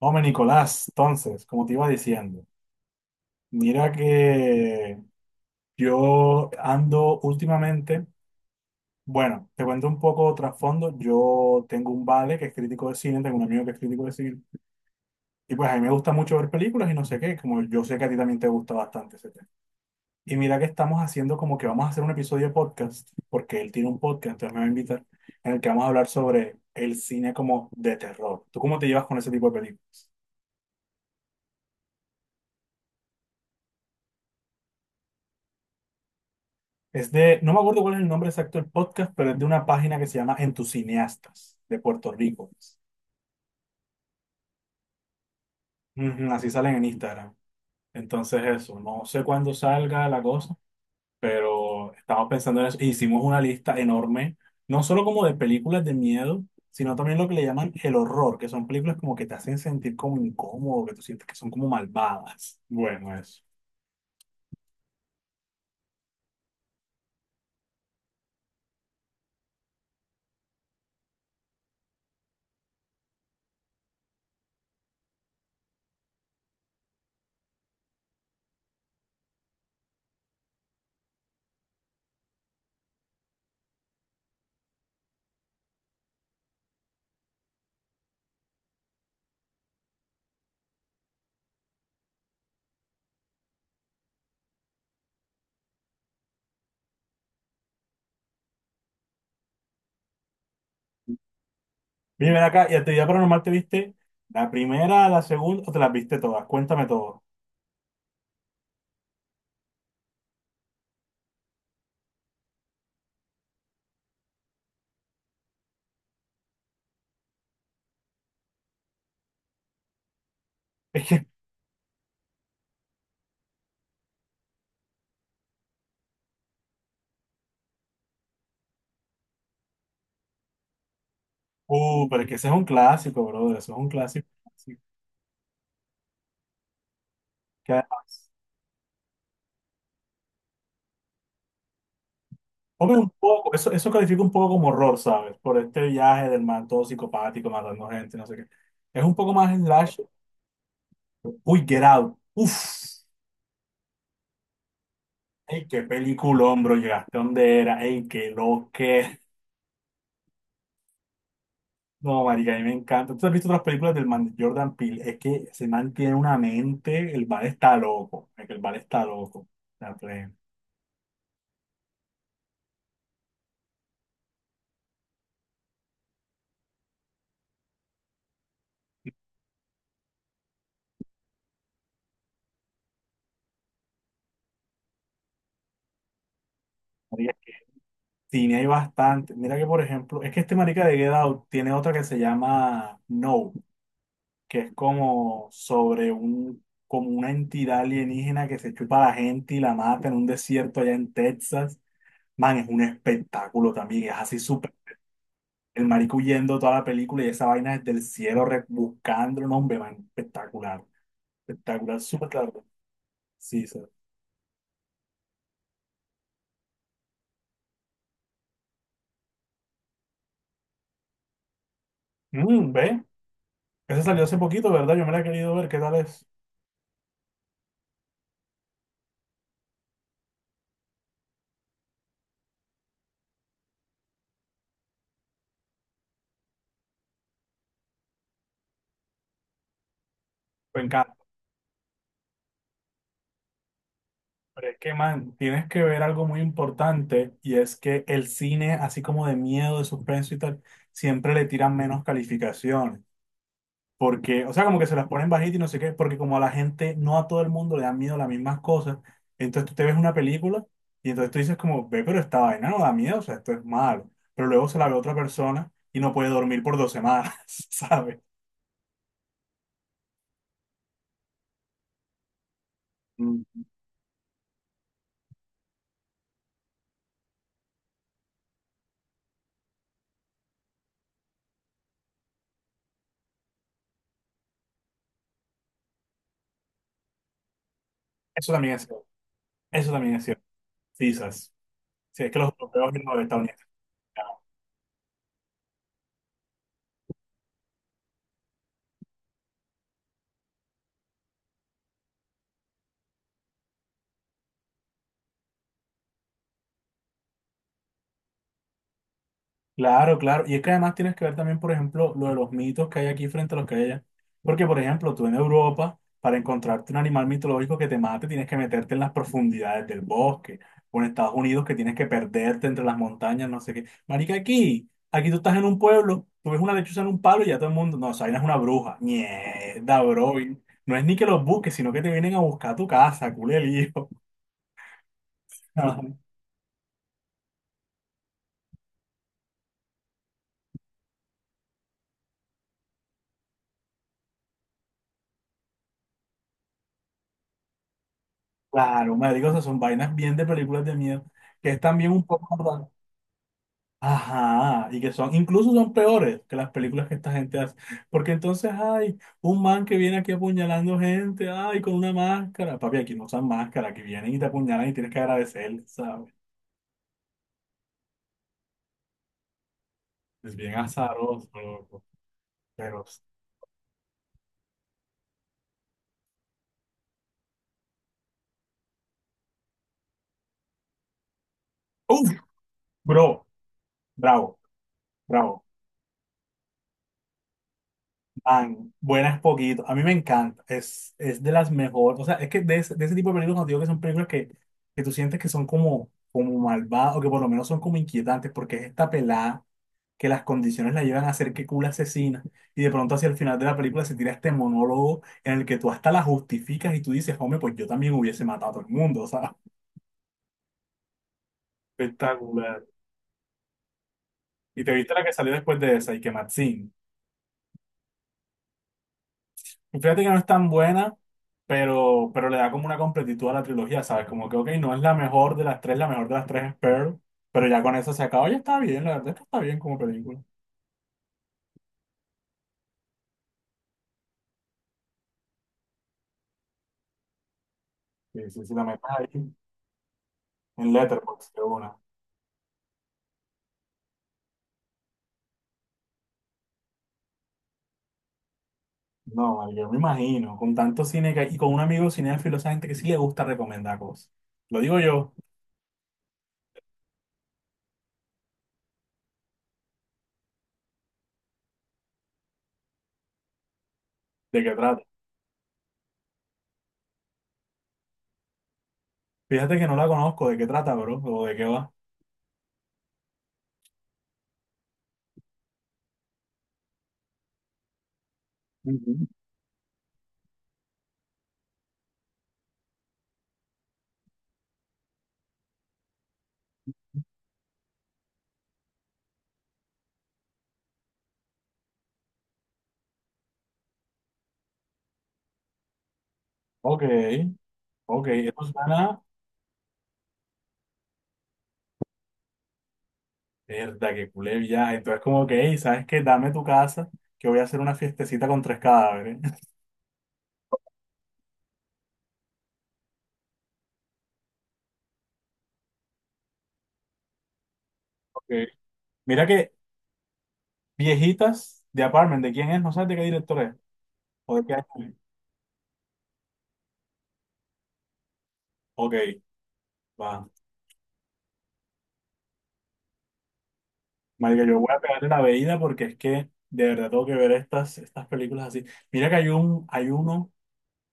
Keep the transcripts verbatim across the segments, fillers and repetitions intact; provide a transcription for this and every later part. Hombre, Nicolás, entonces, como te iba diciendo, mira que yo ando últimamente, bueno, te cuento un poco trasfondo, yo tengo un vale que es crítico de cine, tengo un amigo que es crítico de cine, y pues a mí me gusta mucho ver películas y no sé qué, como yo sé que a ti también te gusta bastante ese tema. Y mira que estamos haciendo como que vamos a hacer un episodio de podcast, porque él tiene un podcast, entonces me va a invitar, en el que vamos a hablar sobre el cine como de terror. ¿Tú cómo te llevas con ese tipo de películas? Es de, no me acuerdo cuál es el nombre exacto del podcast, pero es de una página que se llama En tus cineastas de Puerto Rico. Ujú, así salen en Instagram. Entonces eso, no sé cuándo salga la cosa, pero estamos pensando en eso. E hicimos una lista enorme, no solo como de películas de miedo, sino también lo que le llaman el horror, que son películas como que te hacen sentir como incómodo, que tú sientes que son como malvadas. Bueno, eso. Bien, ven acá, ¿y actividad paranormal te viste la primera, la segunda, o te las viste todas? Cuéntame todo. Uh, pero es que ese es un clásico, brother. Eso es un clásico. Clásico. Que además, hombre, un poco, eso, eso califica un poco como horror, ¿sabes? Por este viaje del man todo psicopático, matando gente, no sé qué. Es un poco más slash. Uy, Get Out. Uf. Ey, qué peliculón, bro. Llegaste donde era. Ey, qué lo que. No, marica, a mí me encanta. ¿Tú has visto otras películas del man de Jordan Peele? Es que ese man tiene una mente. El bar está loco. Es que el bar está loco. La plena. Marica, cine hay bastante. Mira que, por ejemplo, es que este marica de Get Out tiene otra que se llama No, que es como sobre un, como una entidad alienígena que se chupa a la gente y la mata en un desierto allá en Texas. Man, es un espectáculo también, es así súper. El marico huyendo toda la película y esa vaina desde el cielo re- buscando un hombre, man, espectacular. Espectacular, súper claro. Sí, sí. Mm, ve, ese salió hace poquito, ¿verdad? Yo me la he querido ver, ¿qué tal es? Me encanta. Pero es que, man, tienes que ver algo muy importante y es que el cine, así como de miedo, de suspenso y tal, siempre le tiran menos calificaciones. Porque, o sea, como que se las ponen bajitas y no sé qué, porque como a la gente, no a todo el mundo le dan miedo las mismas cosas, entonces tú te ves una película y entonces tú dices como, ve, pero esta vaina no da miedo, o sea, esto es malo. Pero luego se la ve otra persona y no puede dormir por dos semanas, ¿sabes? Mm. Eso también es cierto. Eso también es cierto. Sí, ¿sabes? Sí, es que los europeos y los estadounidenses. Claro, claro. Y es que además tienes que ver también, por ejemplo, lo de los mitos que hay aquí frente a los que hay allá. Porque, por ejemplo, tú en Europa, para encontrarte un animal mitológico que te mate, tienes que meterte en las profundidades del bosque. O en Estados Unidos, que tienes que perderte entre las montañas, no sé qué. Marica, aquí, aquí tú estás en un pueblo, tú ves una lechuza en un palo y ya todo el mundo, no, esa vaina es una bruja. Mierda, bro. Y no es ni que los busques, sino que te vienen a buscar a tu casa, culé el hijo. Claro, marica, o sea, son vainas bien de películas de miedo, que es también un poco... Ajá, y que son, incluso son peores que las películas que esta gente hace. Porque entonces hay un man que viene aquí apuñalando gente, ay, con una máscara. Papi, aquí no usan máscara, que vienen y te apuñalan y tienes que agradecer, ¿sabes? Es bien azaroso, loco. Pero, uff, bro, bravo, bravo. Man, buenas poquito. A mí me encanta. Es, es de las mejores. O sea, es que de ese, de ese tipo de películas, cuando digo que son películas que, que tú sientes que son como, como malvadas o que por lo menos son como inquietantes, porque es esta pelada que las condiciones la llevan a ser que cool asesina. Y de pronto hacia el final de la película se tira este monólogo en el que tú hasta la justificas y tú dices, hombre, pues yo también hubiese matado a todo el mundo, o sea, espectacular. Y te viste la que salió después de esa, y que Maxine. Y fíjate que no es tan buena, pero, pero le da como una completitud a la trilogía, ¿sabes? Como que, ok, no es la mejor de las tres, la mejor de las tres es Pearl, pero ya con eso se acabó, ya está bien, la verdad es que está bien como película. Sí, sí, sí, la metas ahí en Letterboxd, de una. No, vale, yo me imagino, con tanto cine que hay y con un amigo cinéfilo, esa gente que sí le gusta recomendar cosas. Lo digo yo, ¿de qué trata? Fíjate que no la conozco, ¿de qué trata, bro? ¿O de qué va? Ujú. Ok, ok, eso suena, verdad, que culé ya. Entonces, como que, "Ey, ¿sabes qué? Dame tu casa, que voy a hacer una fiestecita con tres cadáveres". Ok. Mira que viejitas de Apartment, ¿de quién es? No sabes de qué director es. ¿O de qué año es? Ok, va. Marica, yo voy a pegarle una veída porque es que de verdad tengo que ver estas, estas películas así. Mira que hay un, hay uno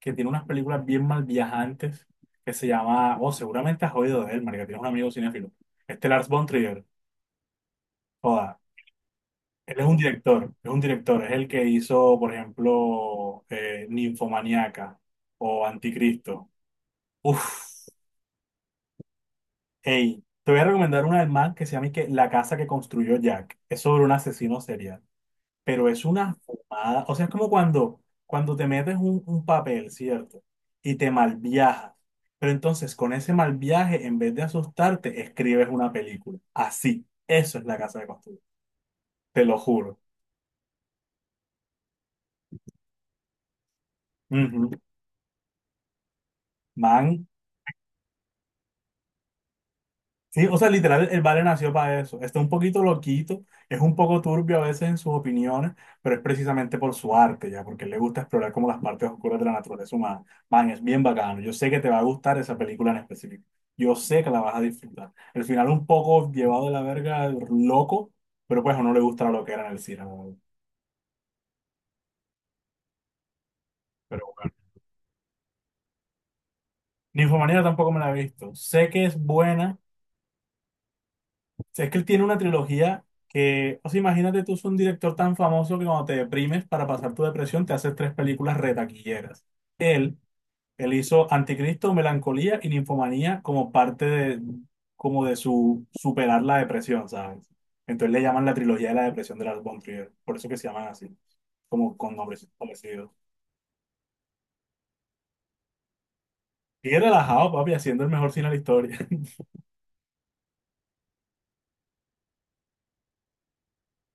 que tiene unas películas bien mal viajantes que se llama, oh, seguramente has oído de él, marica, tienes un amigo cinéfilo. Este Lars von Trier, joda, él es un director, es un director, es el que hizo, por ejemplo, eh, Ninfomaniaca o Anticristo. Uf, hey, te voy a recomendar una del man que se llama y que La casa que construyó Jack. Es sobre un asesino serial. Pero es una fumada. O sea, es como cuando, cuando te metes un, un papel, ¿cierto? Y te malviajas. Pero entonces, con ese mal viaje, en vez de asustarte, escribes una película. Así. Eso es la casa de costura. Te lo juro. Ujú. Man, sí, o sea, literal, el Vale nació para eso. Está un poquito loquito, es un poco turbio a veces en sus opiniones, pero es precisamente por su arte, ya, porque le gusta explorar como las partes oscuras de la naturaleza humana. Man, es bien bacano. Yo sé que te va a gustar esa película en específico. Yo sé que la vas a disfrutar. El final un poco llevado de la verga, loco, pero pues a uno le gusta la loquera en el cine. La verdad. Pero bueno. Ninfomanía tampoco me la he visto. Sé que es buena. Sea, que él tiene una trilogía que, o sea, imagínate tú, es un director tan famoso que cuando te deprimes para pasar tu depresión te haces tres películas retaquilleras. Él, él hizo Anticristo, Melancolía y Ninfomanía como parte de, como de su superar la depresión, ¿sabes? Entonces le llaman la trilogía de la depresión de Lars von Trier, por eso que se llaman así, como con nombres parecidos. Sigue relajado, papi, haciendo el mejor cine de la historia.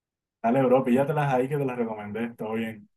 Dale, bro, píllatelas ahí que te las recomendé, todo bien.